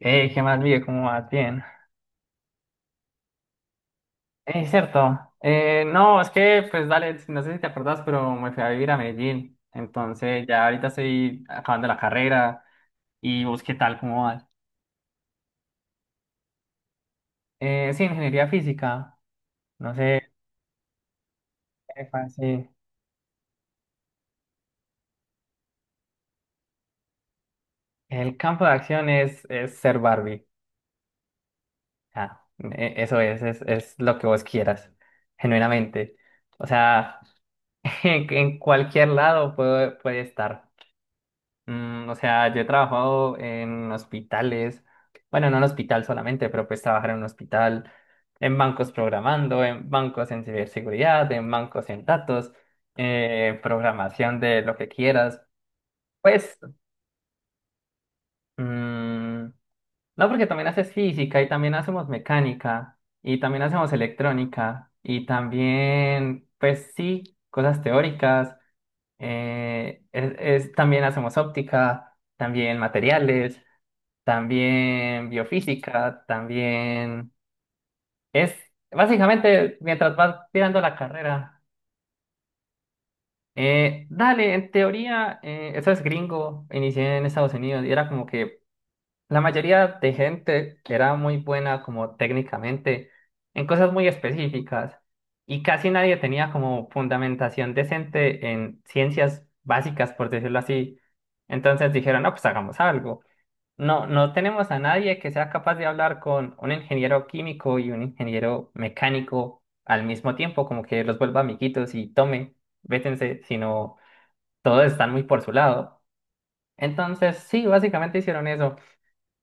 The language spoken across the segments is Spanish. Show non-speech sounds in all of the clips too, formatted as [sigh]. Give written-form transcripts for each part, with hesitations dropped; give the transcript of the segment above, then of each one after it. Hey, ¿qué más, Miguel? ¿Cómo vas? Bien. Es cierto. No, es que, pues dale, no sé si te acordás, pero me fui a vivir a Medellín. Entonces, ya ahorita estoy acabando la carrera y vos qué tal, cómo vas. Sí, ingeniería física. No sé, epa, sí. El campo de acción es ser Barbie. Ah, eso es lo que vos quieras, genuinamente. O sea, [laughs] en cualquier lado puede estar. Mm, o sea, yo he trabajado en hospitales, bueno, no en hospital solamente, pero pues trabajar en un hospital, en bancos programando, en bancos en ciberseguridad, en bancos en datos, programación de lo que quieras. Pues, mm, no, porque también haces física y también hacemos mecánica y también hacemos electrónica y también, pues sí, cosas teóricas, también hacemos óptica, también materiales. También biofísica, también es básicamente mientras vas tirando la carrera. Dale, en teoría, eso es gringo, inicié en Estados Unidos y era como que la mayoría de gente era muy buena como técnicamente en cosas muy específicas y casi nadie tenía como fundamentación decente en ciencias básicas, por decirlo así. Entonces dijeron, no, pues hagamos algo. No, no tenemos a nadie que sea capaz de hablar con un ingeniero químico y un ingeniero mecánico al mismo tiempo, como que los vuelva amiguitos y tomen, vétense, sino todos están muy por su lado. Entonces, sí, básicamente hicieron eso.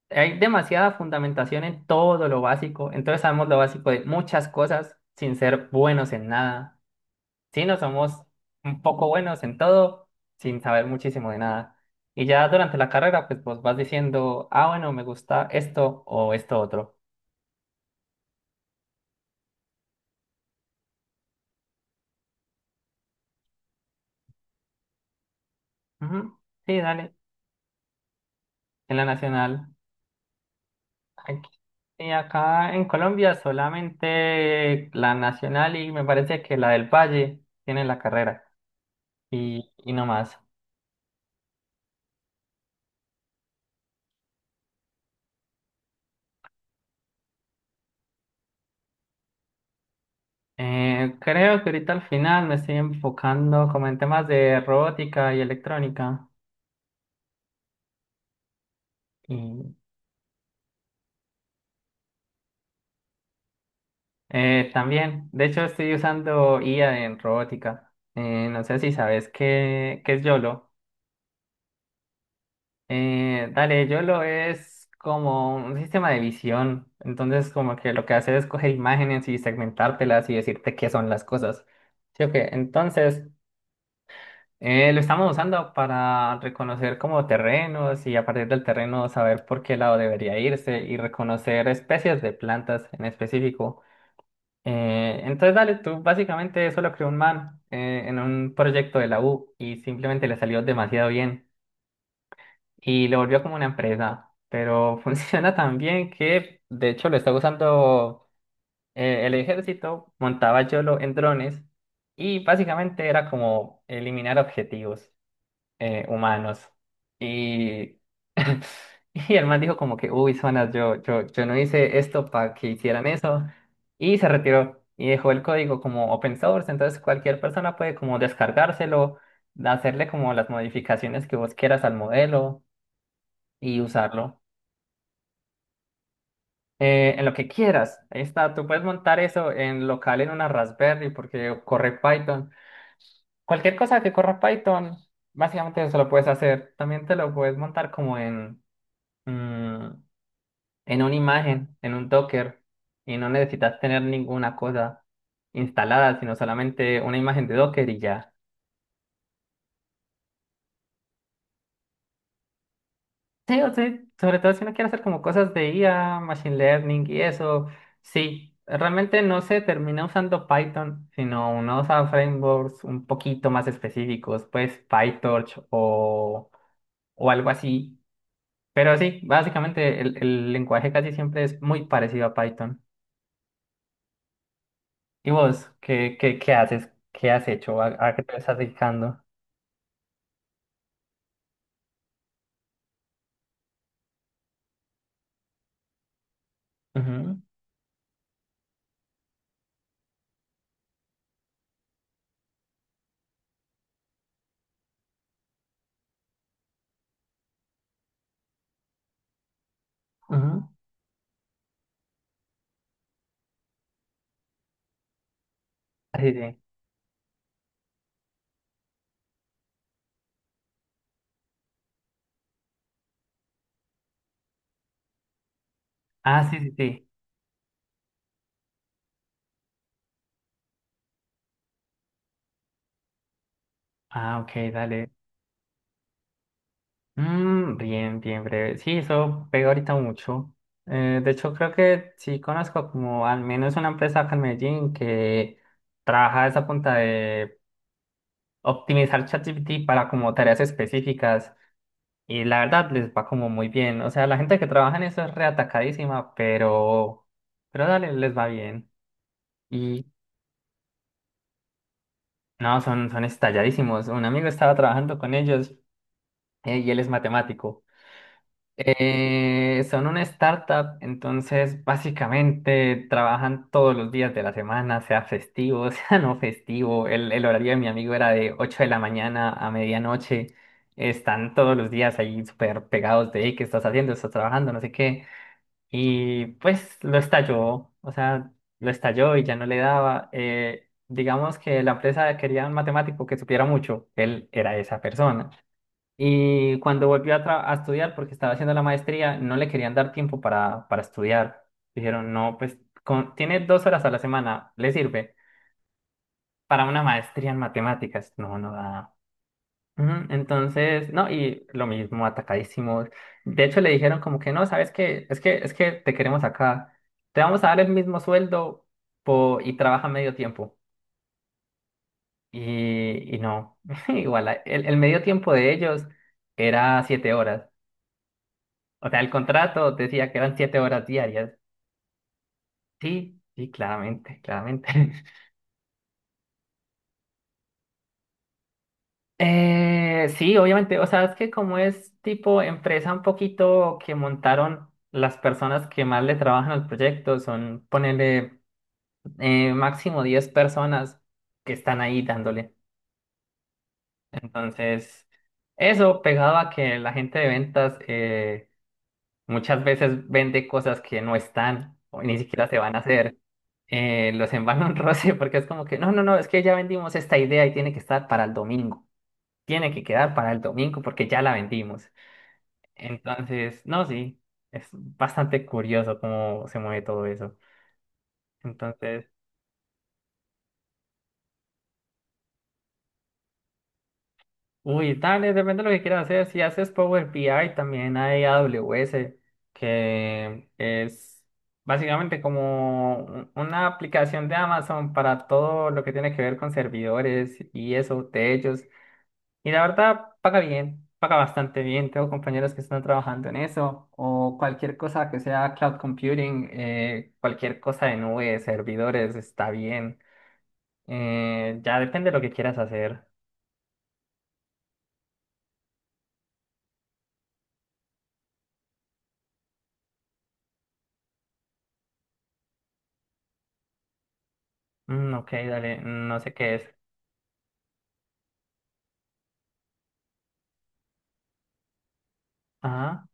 Hay demasiada fundamentación en todo lo básico, entonces sabemos lo básico de muchas cosas sin ser buenos en nada. Sí, no somos un poco buenos en todo, sin saber muchísimo de nada. Y ya durante la carrera, pues vos vas diciendo, ah, bueno, me gusta esto o esto otro. Ujú. Sí, dale, en la nacional. Aquí- y acá en Colombia solamente la nacional y me parece que la del Valle tiene la carrera y no más. Creo que ahorita al final me estoy enfocando como en temas de robótica y electrónica. Y también, de hecho estoy usando IA en robótica. No sé si sabes qué es YOLO. Dale, YOLO es como un sistema de visión. Entonces, como que lo que hace es coger imágenes y segmentártelas y decirte qué son las cosas. ¿Sí o qué? Entonces, lo estamos usando para reconocer como terrenos y a partir del terreno saber por qué lado debería irse y reconocer especies de plantas en específico. Entonces, dale, tú básicamente eso lo creó un man en un proyecto de la U y simplemente le salió demasiado bien y lo volvió como una empresa, pero [laughs] funciona tan bien que de hecho lo está usando el ejército, montaba YOLO en drones y básicamente era como eliminar objetivos humanos. Y, [laughs] y el man dijo como que, uy, zonas, yo no hice esto para que hicieran eso. Y se retiró y dejó el código como open source. Entonces cualquier persona puede como descargárselo, hacerle como las modificaciones que vos quieras al modelo y usarlo. En lo que quieras, ahí está. Tú puedes montar eso en local en una Raspberry porque corre Python. Cualquier cosa que corra Python, básicamente eso lo puedes hacer. También te lo puedes montar como mm, en una imagen, en un Docker, y no necesitas tener ninguna cosa instalada, sino solamente una imagen de Docker y ya. Sí, o sea, sobre todo si uno quiere hacer como cosas de IA, machine learning y eso, sí, realmente no se termina usando Python, sino uno usa frameworks un poquito más específicos, pues PyTorch o algo así. Pero sí, básicamente el lenguaje casi siempre es muy parecido a Python. ¿Y vos qué haces? ¿Qué has hecho? A qué te estás dedicando? Ujú, ujú. Ah, sí, sí. Ah, sí, sí, sí. Ah, ok, dale. Mm, bien, bien breve. Sí, eso pega ahorita mucho. De hecho, creo que sí conozco como al menos una empresa acá en Medellín que trabaja a esa punta de optimizar ChatGPT para como tareas específicas y la verdad les va como muy bien. O sea, la gente que trabaja en eso es reatacadísima, pero dale, les va bien. Y no, son estalladísimos. Un amigo estaba trabajando con ellos y él es matemático. Son una startup, entonces básicamente trabajan todos los días de la semana, sea festivo, [laughs] sea no festivo. El horario de mi amigo era de 8 de la mañana a medianoche. Están todos los días ahí súper pegados de, "Ey, ¿qué estás haciendo? ¿Estás trabajando? No sé qué". Y pues lo estalló, o sea, lo estalló y ya no le daba. Digamos que la empresa quería un matemático que supiera mucho, él era esa persona. Y cuando volvió a estudiar, porque estaba haciendo la maestría, no le querían dar tiempo para estudiar. Dijeron, no, pues tiene 2 horas a la semana, le sirve para una maestría en matemáticas. No, no da. Ujú. Entonces, no, y lo mismo, atacadísimos. De hecho, le dijeron como que no, ¿sabes qué? Es que te queremos acá. Te vamos a dar el mismo sueldo y trabaja medio tiempo. Y no, [laughs] igual, el medio tiempo de ellos era 7 horas. O sea, el contrato decía que eran 7 horas diarias. Sí, sí, claramente, claramente. [laughs] Sí, obviamente, o sea, es que como es tipo empresa un poquito que montaron las personas que más le trabajan al proyecto, son ponerle máximo 10 personas que están ahí dándole. Entonces, eso pegado a que la gente de ventas muchas veces vende cosas que no están o ni siquiera se van a hacer, los envano un roce porque es como que, no, no, no, es que ya vendimos esta idea y tiene que estar para el domingo, tiene que quedar para el domingo porque ya la vendimos. Entonces, no, sí, es bastante curioso cómo se mueve todo eso. Entonces, uy, dale, depende de lo que quieras hacer. Si haces Power BI, también hay AWS, que es básicamente como una aplicación de Amazon para todo lo que tiene que ver con servidores y eso, de. Y la verdad, paga bien, paga bastante bien. Tengo compañeros que están trabajando en eso, o cualquier cosa que sea cloud computing, cualquier cosa de nube, servidores, está bien. Ya depende de lo que quieras hacer. Mm, ok, dale, no sé qué es. Ah,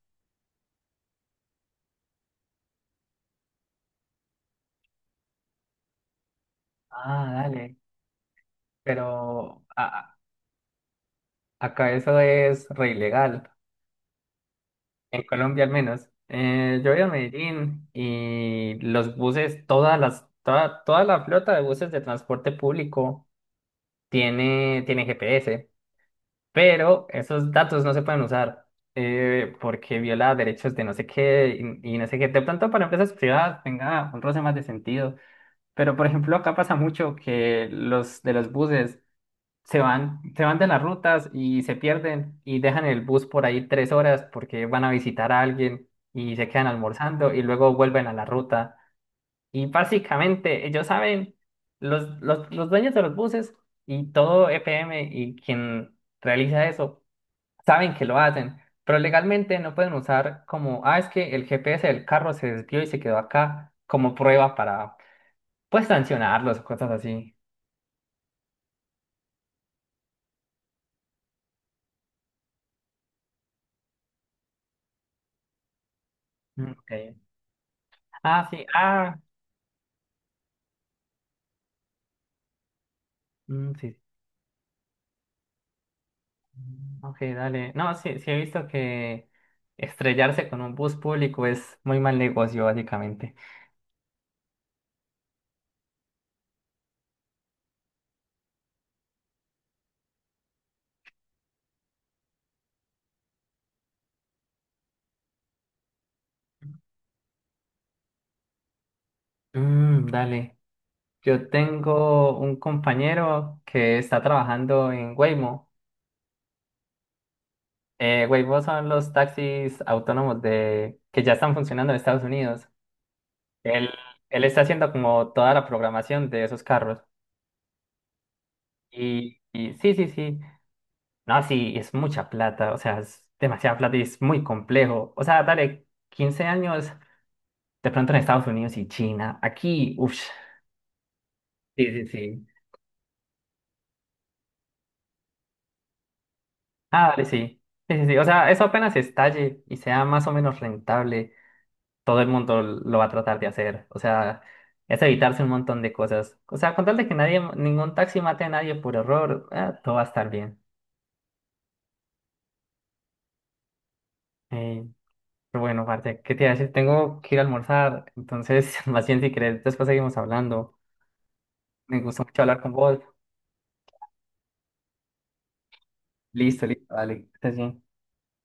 ah, dale. Pero a- Acá eso es re ilegal, en Colombia al menos. Yo voy a Medellín y los buses, toda la flota de buses de transporte público tiene GPS, pero esos datos no se pueden usar porque viola derechos de no sé qué y no sé qué. De pronto para empresas privadas tenga un roce más de sentido, pero por ejemplo acá pasa mucho que los de los buses se van de las rutas y se pierden y dejan el bus por ahí 3 horas porque van a visitar a alguien y se quedan almorzando y luego vuelven a la ruta. Y básicamente ellos saben, los dueños de los buses y todo EPM y quien realiza eso, saben que lo hacen, pero legalmente no pueden usar como, ah, es que el GPS del carro se desvió y se quedó acá como prueba para, pues, sancionarlos o cosas así. Mm, ok. Ah, sí, ah, mm, sí. Mm, ok, dale. No, sí, sí he visto que estrellarse con un bus público es muy mal negocio, básicamente. Mm, dale. Yo tengo un compañero que está trabajando en Waymo. Waymo son los taxis autónomos de, que ya están funcionando en Estados Unidos. Él, Él está haciendo como toda la programación de esos carros. Y sí, sí, sí. No, sí, es mucha plata. O sea, es demasiada plata y es muy complejo. O sea, dale 15 años de pronto en Estados Unidos y China. Aquí, uff. Sí, sí, sí. Ah, dale, sí. Sí, sí, sí. O sea, eso apenas estalle y sea más o menos rentable, todo el mundo lo va a tratar de hacer. O sea, es evitarse un montón de cosas. O sea, con tal de que nadie, ningún taxi mate a nadie por error, todo va a estar bien. Eh, pero bueno, Marte, ¿qué te iba a decir? Tengo que ir a almorzar, entonces, [laughs] más bien si querés, después seguimos hablando. Me gustó mucho hablar con vos. Listo, listo, dale, que estés bien.